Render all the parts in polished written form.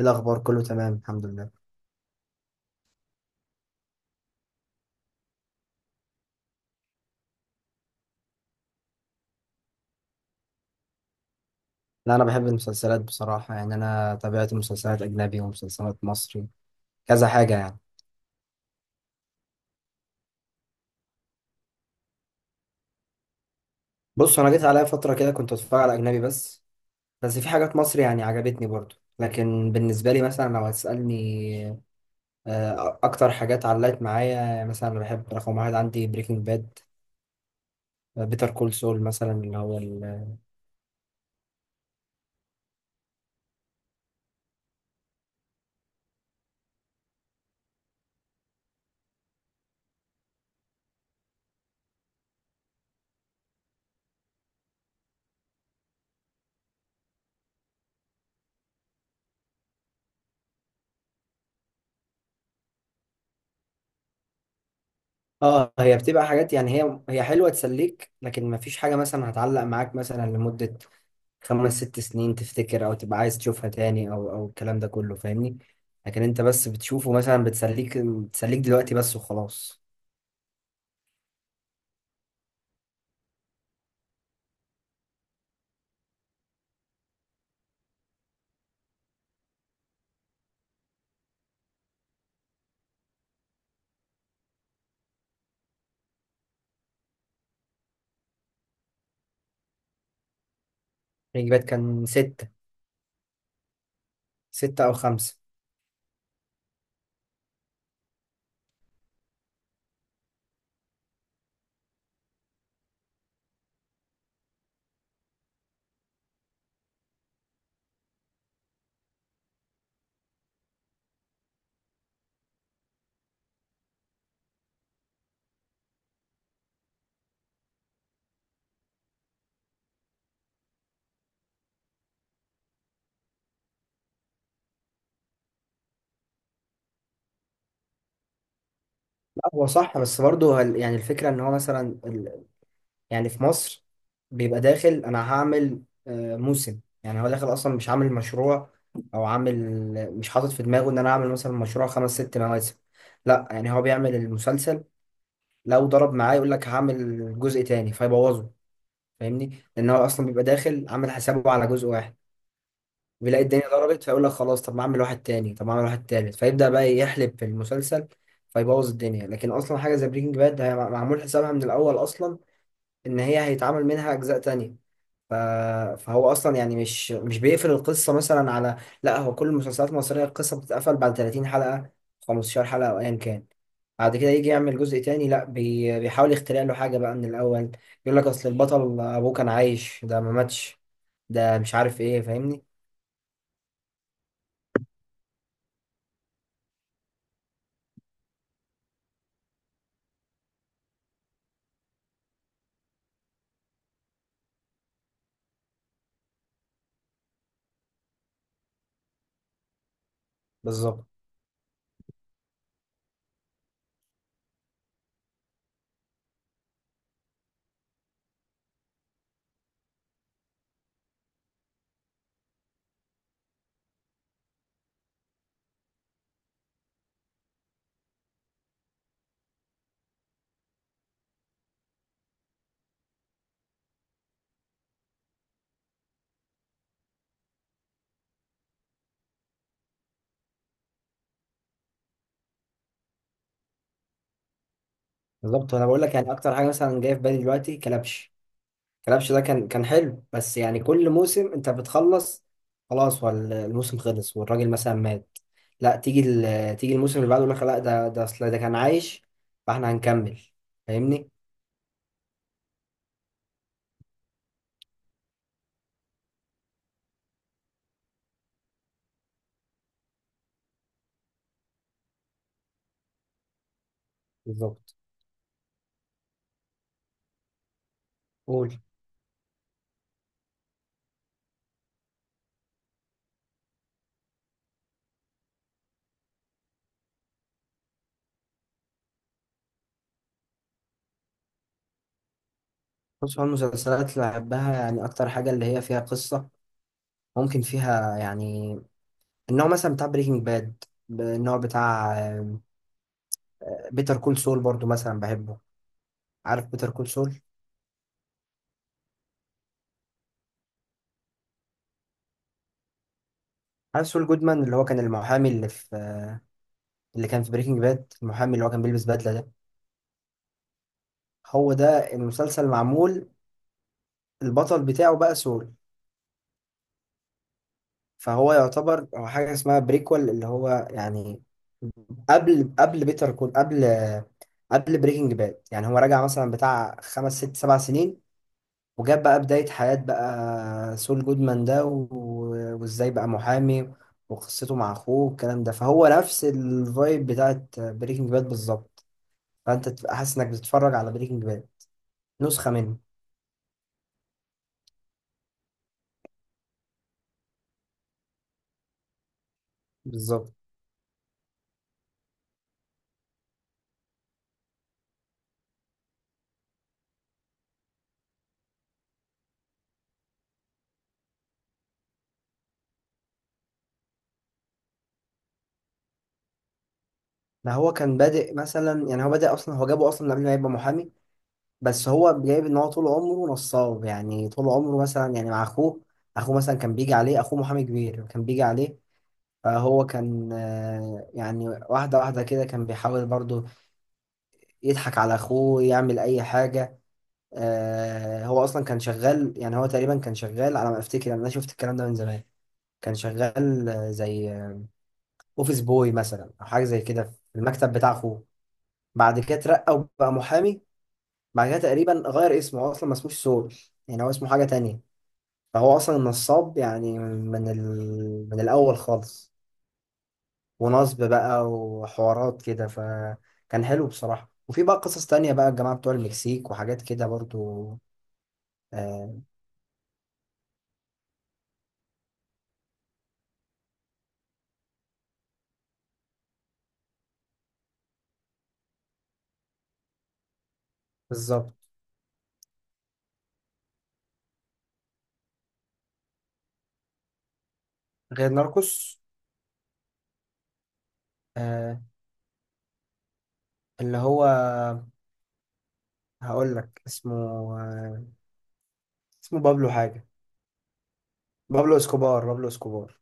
إيه الأخبار؟ كله تمام الحمد لله. لا، أنا بحب المسلسلات بصراحة. يعني أنا تابعت مسلسلات أجنبي ومسلسلات مصري، كذا حاجة يعني. بص، أنا جيت عليا فترة كده كنت أتفرج على أجنبي بس. بس في حاجات مصري يعني عجبتني برضو، لكن بالنسبة لي مثلا لو هتسألني أكتر حاجات علقت معايا. يعني مثلا أنا بحب رقم واحد عندي بريكنج باد، بيتر كول سول مثلا، اللي هو اه، هي بتبقى حاجات. يعني هي حلوة تسليك، لكن مفيش حاجة مثلا هتعلق معاك مثلا لمدة 5 6 سنين تفتكر، او تبقى عايز تشوفها تاني، او الكلام ده كله، فاهمني؟ لكن انت بس بتشوفه مثلا، بتسليك بتسليك دلوقتي بس وخلاص. الإجابات كان ستة. ستة أو خمسة. لا، هو صح بس برضه، يعني الفكرة إن هو مثلا ال- يعني في مصر بيبقى داخل، أنا هعمل موسم، يعني هو داخل أصلا مش عامل مشروع، أو عامل مش حاطط في دماغه إن أنا أعمل مثلا مشروع 5 6 مواسم. لا، يعني هو بيعمل المسلسل، لو ضرب معاه يقول لك هعمل جزء تاني فيبوظه، فاهمني؟ لان هو اصلا بيبقى داخل عامل حسابه على جزء واحد. بيلاقي الدنيا ضربت فيقول لك خلاص، طب ما اعمل واحد تاني، طب ما اعمل واحد تالت، فيبدأ بقى يحلب في المسلسل فيبوظ الدنيا. لكن اصلا حاجه زي بريكنج باد هي معمول حسابها من الاول اصلا ان هي هيتعمل منها اجزاء تانية. ف... فهو اصلا يعني مش بيقفل القصه مثلا على... لا، هو كل المسلسلات المصريه القصه بتتقفل بعد 30 حلقه، 15 حلقه او ايا كان. بعد كده يجي يعمل جزء تاني، لا بيحاول يخترع له حاجه بقى من الاول، يقول لك اصل البطل ابوه كان عايش، ده ما ماتش، ده مش عارف ايه، فاهمني؟ بالظبط. بالظبط، وانا بقول لك يعني اكتر حاجه مثلا جايه في بالي دلوقتي كلبش. كلبش ده كان حلو، بس يعني كل موسم انت بتخلص خلاص، والموسم خلص والراجل مثلا مات، لا تيجي تيجي الموسم اللي بعده يقول لك لا، ده اصل ده كان عايش، فاحنا هنكمل، فاهمني؟ بالظبط. قول. بص، هو المسلسلات اللي بحبها يعني اكتر حاجه اللي هي فيها قصه، ممكن فيها يعني النوع مثلا بتاع بريكنج باد، النوع بتاع بيتر كول سول برضو مثلا بحبه. عارف بيتر كول سول؟ عارف سول جودمان اللي هو كان المحامي اللي في... اللي كان في بريكنج باد، المحامي اللي هو كان بيلبس بدلة ده. هو ده المسلسل معمول، البطل بتاعه بقى سول. فهو يعتبر هو حاجة اسمها بريكول، اللي هو يعني قبل بيتر كول، قبل بريكنج باد، يعني هو رجع مثلا بتاع 5 6 7 سنين، وجاب بقى بداية حياة بقى سول جودمان ده، وازاي بقى محامي، وقصته مع اخوه والكلام ده. فهو نفس الفايب بتاعت بريكنج باد بالظبط، فانت تبقى حاسس انك بتتفرج على بريكنج باد، نسخة منه. بالظبط. ما هو كان بادئ مثلا، يعني هو بادئ اصلا، هو جابه اصلا قبل ما يبقى محامي، بس هو جايب ان هو طول عمره نصاب، يعني طول عمره مثلا يعني مع اخوه، اخوه مثلا كان بيجي عليه، اخوه محامي كبير كان بيجي عليه، فهو كان يعني واحدة واحدة كده كان بيحاول برضه يضحك على أخوه، يعمل أي حاجة. هو أصلا كان شغال، يعني هو تقريبا كان شغال على ما أفتكر، يعني أنا شفت الكلام ده من زمان. كان شغال زي أوفيس بوي مثلا أو حاجة زي كده في المكتب بتاع أخوه. بعد كده اترقى وبقى محامي. بعد كده تقريبا غير اسمه، هو اصلا ما اسموش سول، يعني هو اسمه حاجة تانية. فهو اصلا نصاب يعني من الاول خالص. ونصب بقى وحوارات كده، فكان حلو بصراحة. وفي بقى قصص تانية بقى الجماعة بتوع المكسيك وحاجات كده برضو. آه. بالظبط. غير ناركوس. آه اللي هو... هقول لك اسمه. آه اسمه بابلو حاجة. بابلو اسكوبار. بابلو اسكوبار.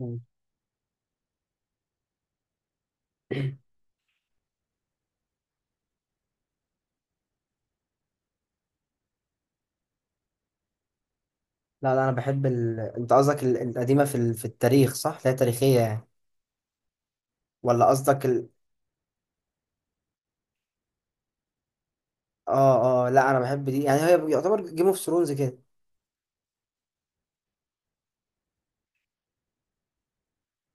مم. لا لا، انا بحب انت قصدك القديمة في في التاريخ، صح؟ اللي هي تاريخية يعني. ولا قصدك اه اه، لا انا بحب دي، يعني هي يعتبر جيم اوف ثرونز كده.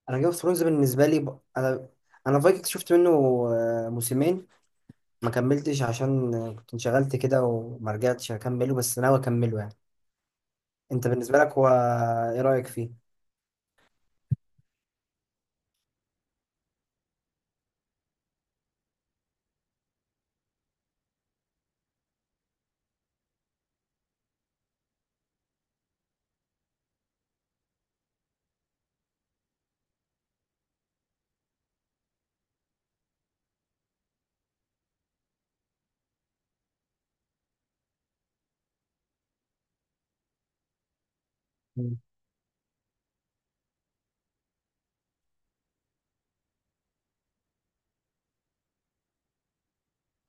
انا جيم اوف ثرونز بالنسبه لي انا فايكنج شفت منه موسمين، ما كملتش عشان كنت انشغلت كده وما رجعتش اكمله، بس ناوي اكمله يعني. انت بالنسبه لك هو ايه رايك فيه؟ مم.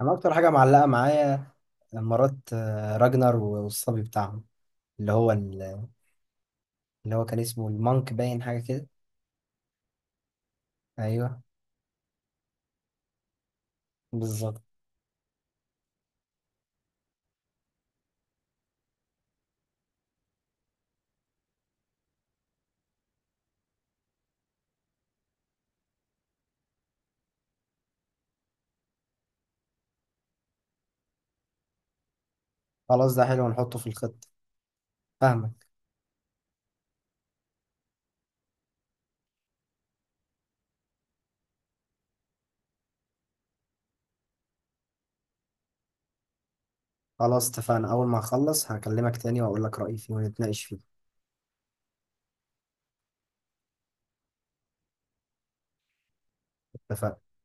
انا اكتر حاجه معلقه معايا مرات راجنر والصبي بتاعهم، اللي هو اللي هو كان اسمه المانك، باين حاجه كده. ايوه. بالظبط. خلاص ده حلو، نحطه في الخطه. فاهمك. خلاص اتفقنا، أول ما أخلص هكلمك تاني وأقول لك رأيي فيه ونتناقش فيه. اتفقنا.